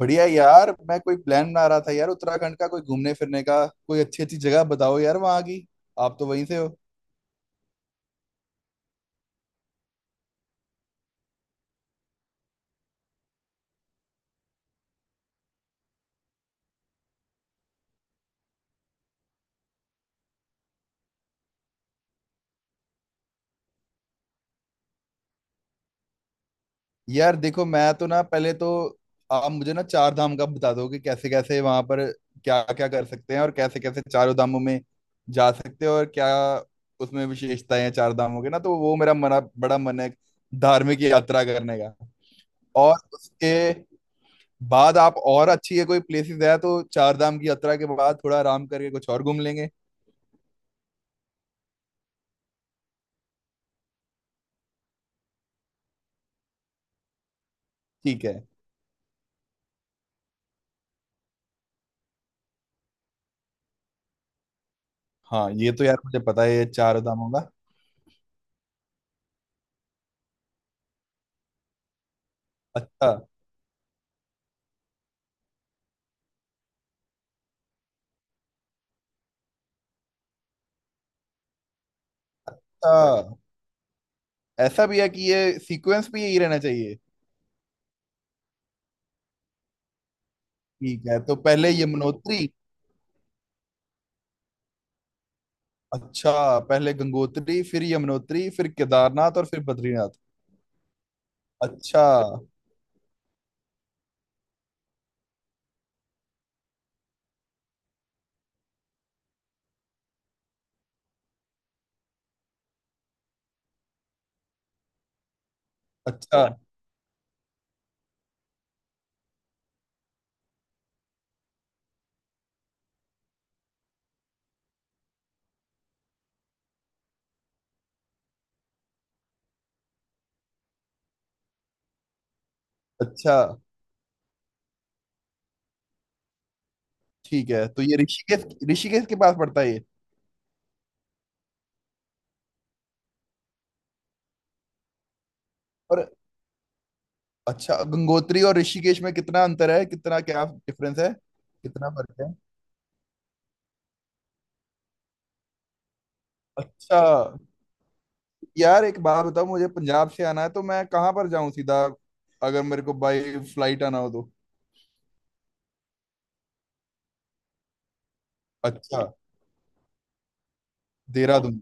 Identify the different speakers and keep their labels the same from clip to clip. Speaker 1: बढ़िया यार। मैं कोई प्लान बना रहा था यार, उत्तराखंड का कोई घूमने फिरने का कोई अच्छी अच्छी जगह बताओ यार वहाँ की। आप तो वहीं से हो। यार देखो, मैं तो ना पहले तो आप मुझे ना चार धाम का बता दो कि कैसे कैसे वहां पर क्या क्या कर सकते हैं, और कैसे कैसे चारों धामों में जा सकते हैं, और क्या उसमें विशेषताएं हैं चार धामों के। ना तो वो मेरा मना बड़ा मन है धार्मिक यात्रा करने का। और उसके बाद आप और अच्छी है कोई प्लेसेस है तो चार धाम की यात्रा के बाद थोड़ा आराम करके कुछ और घूम लेंगे। ठीक है। हाँ ये तो यार मुझे पता है ये चार दामों का। अच्छा। अच्छा, ऐसा भी है कि ये सीक्वेंस भी यही रहना चाहिए। ठीक है, तो पहले यमुनोत्री। अच्छा, पहले गंगोत्री फिर यमुनोत्री फिर केदारनाथ और फिर बद्रीनाथ। अच्छा। अच्छा। अच्छा। ठीक है, तो ये ऋषिकेश, ऋषिकेश के पास पड़ता है ये? और अच्छा, गंगोत्री और ऋषिकेश में कितना अंतर है, कितना क्या डिफरेंस है? कितना फर्क है? अच्छा। यार एक बात बताओ, मुझे पंजाब से आना है तो मैं कहाँ पर जाऊं सीधा, अगर मेरे को बाई फ्लाइट आना हो तो? अच्छा, देहरादून।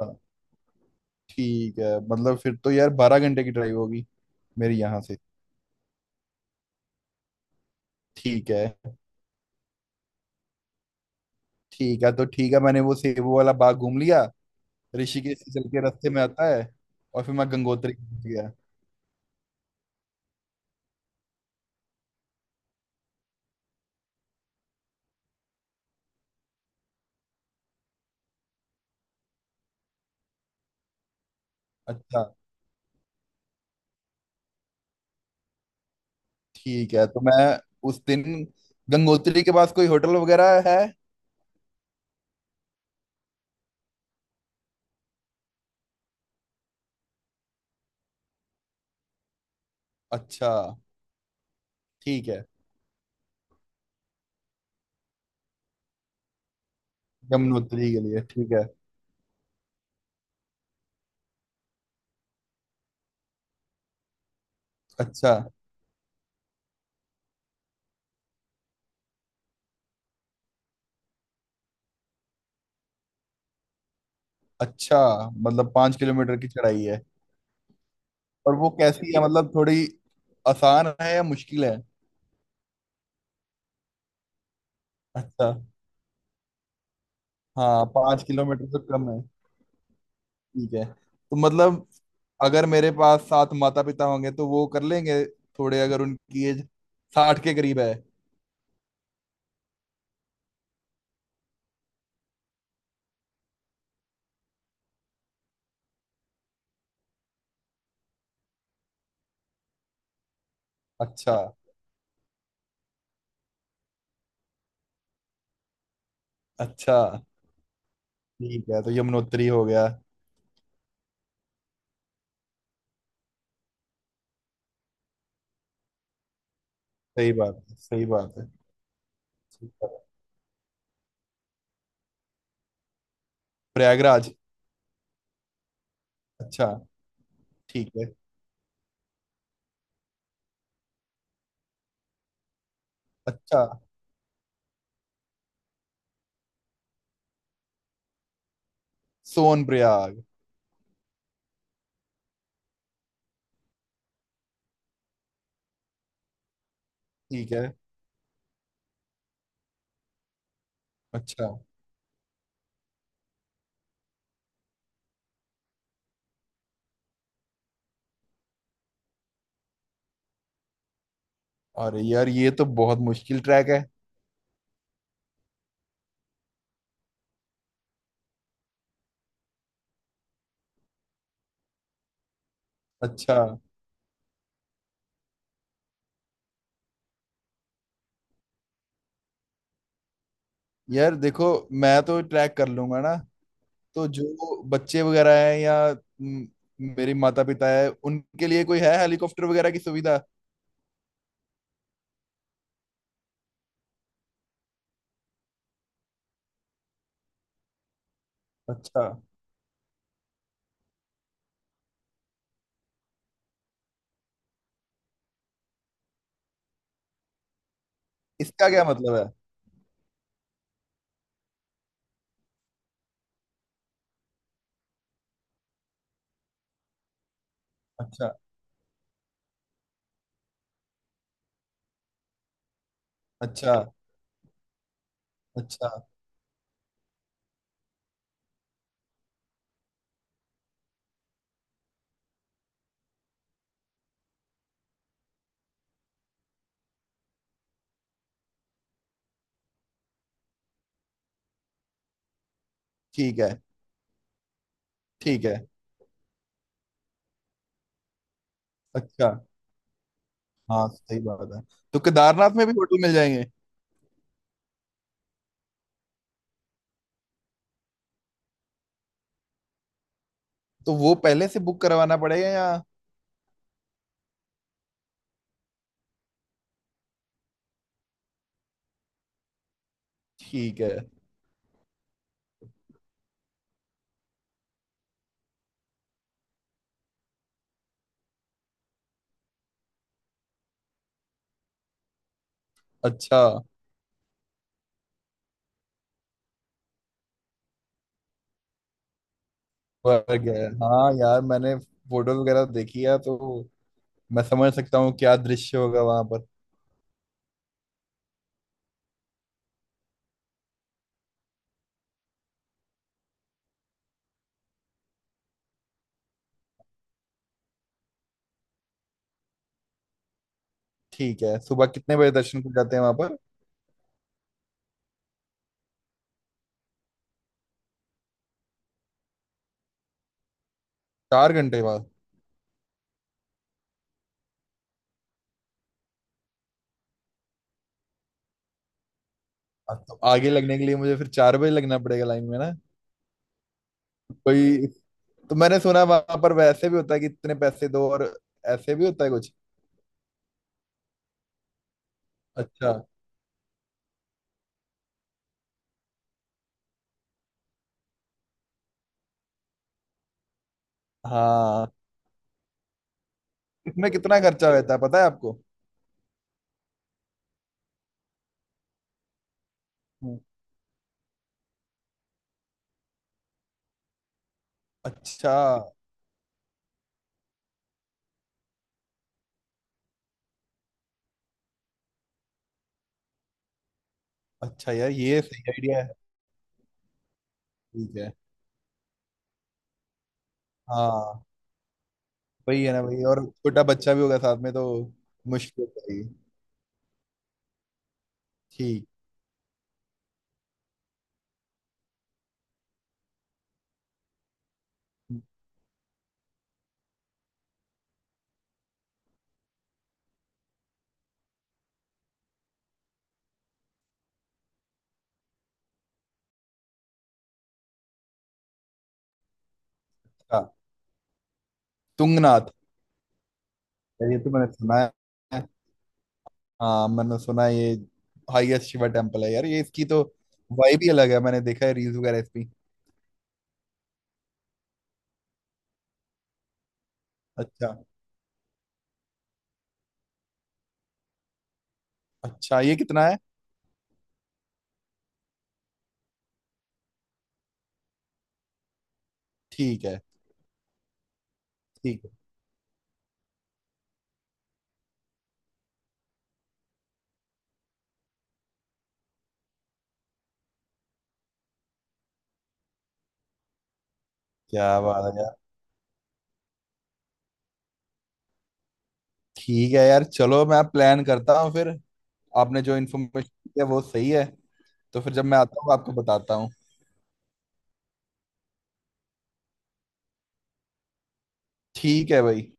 Speaker 1: हाँ, ठीक है, मतलब फिर तो यार 12 घंटे की ड्राइव होगी मेरे यहाँ से। ठीक है। ठीक है तो ठीक है, मैंने वो सेबू वाला बाग घूम लिया, ऋषिकेश से चल के रास्ते में आता है, और फिर मैं गंगोत्री पहुंच गया। अच्छा। ठीक है, तो मैं उस दिन गंगोत्री के पास कोई होटल वगैरह है? अच्छा, ठीक है। यमुनोत्री के लिए ठीक है। अच्छा। अच्छा, मतलब 5 किलोमीटर की चढ़ाई है। और वो कैसी है, मतलब थोड़ी आसान है या मुश्किल है? अच्छा। हाँ, 5 किलोमीटर से कम है। ठीक है, तो मतलब अगर मेरे पास सात माता पिता होंगे तो वो कर लेंगे? थोड़े अगर उनकी एज 60 के करीब है। अच्छा। अच्छा। ठीक है तो यमुनोत्री हो गया। सही बात है, सही बात है। ठीक है। प्रयागराज? अच्छा। ठीक है। अच्छा, सोन प्रयाग। ठीक है। अच्छा। और यार ये तो बहुत मुश्किल ट्रैक है। अच्छा। यार देखो, मैं तो ट्रैक कर लूंगा ना, तो जो बच्चे वगैरह हैं या म, मेरे माता पिता है, उनके लिए कोई है हेलीकॉप्टर वगैरह की सुविधा? अच्छा, इसका क्या मतलब है? अच्छा। अच्छा। अच्छा। ठीक है। ठीक है। अच्छा। हाँ सही बात है। तो केदारनाथ में भी होटल मिल जाएंगे? तो वो पहले से बुक करवाना पड़ेगा या? ठीक है। अच्छा, वर्ग है हाँ। यार मैंने फोटो वगैरह देखी है तो मैं समझ सकता हूँ क्या दृश्य होगा वहां पर। ठीक है, सुबह कितने बजे दर्शन को जाते हैं वहां पर? 4 घंटे बाद? अब तो आगे लगने के लिए मुझे फिर 4 बजे लगना पड़ेगा लाइन में ना। कोई, तो मैंने सुना वहां पर वैसे भी होता है कि इतने पैसे दो और ऐसे भी होता है कुछ? अच्छा। हाँ। इसमें कितना खर्चा होता है पता है आपको? हम्म। अच्छा। अच्छा यार ये सही आइडिया है। ठीक है। हाँ वही है ना, वही। और छोटा बच्चा भी होगा साथ में तो मुश्किल हो जाएगी। ठीक। हाँ, तुंगनाथ। यार ये तो मैंने सुना है। हाँ मैंने सुना है ये। हाईएस्ट शिवा टेम्पल है यार ये, इसकी तो वाइब ही अलग है। मैंने देखा है रील्स वगैरह इस पे। अच्छा। अच्छा ये कितना है? ठीक है। ठीक है। क्या बात है यार। ठीक है यार, चलो मैं प्लान करता हूँ फिर। आपने जो इन्फॉर्मेशन दी है वो सही है, तो फिर जब मैं आता हूँ आपको बताता हूँ। ठीक है भाई।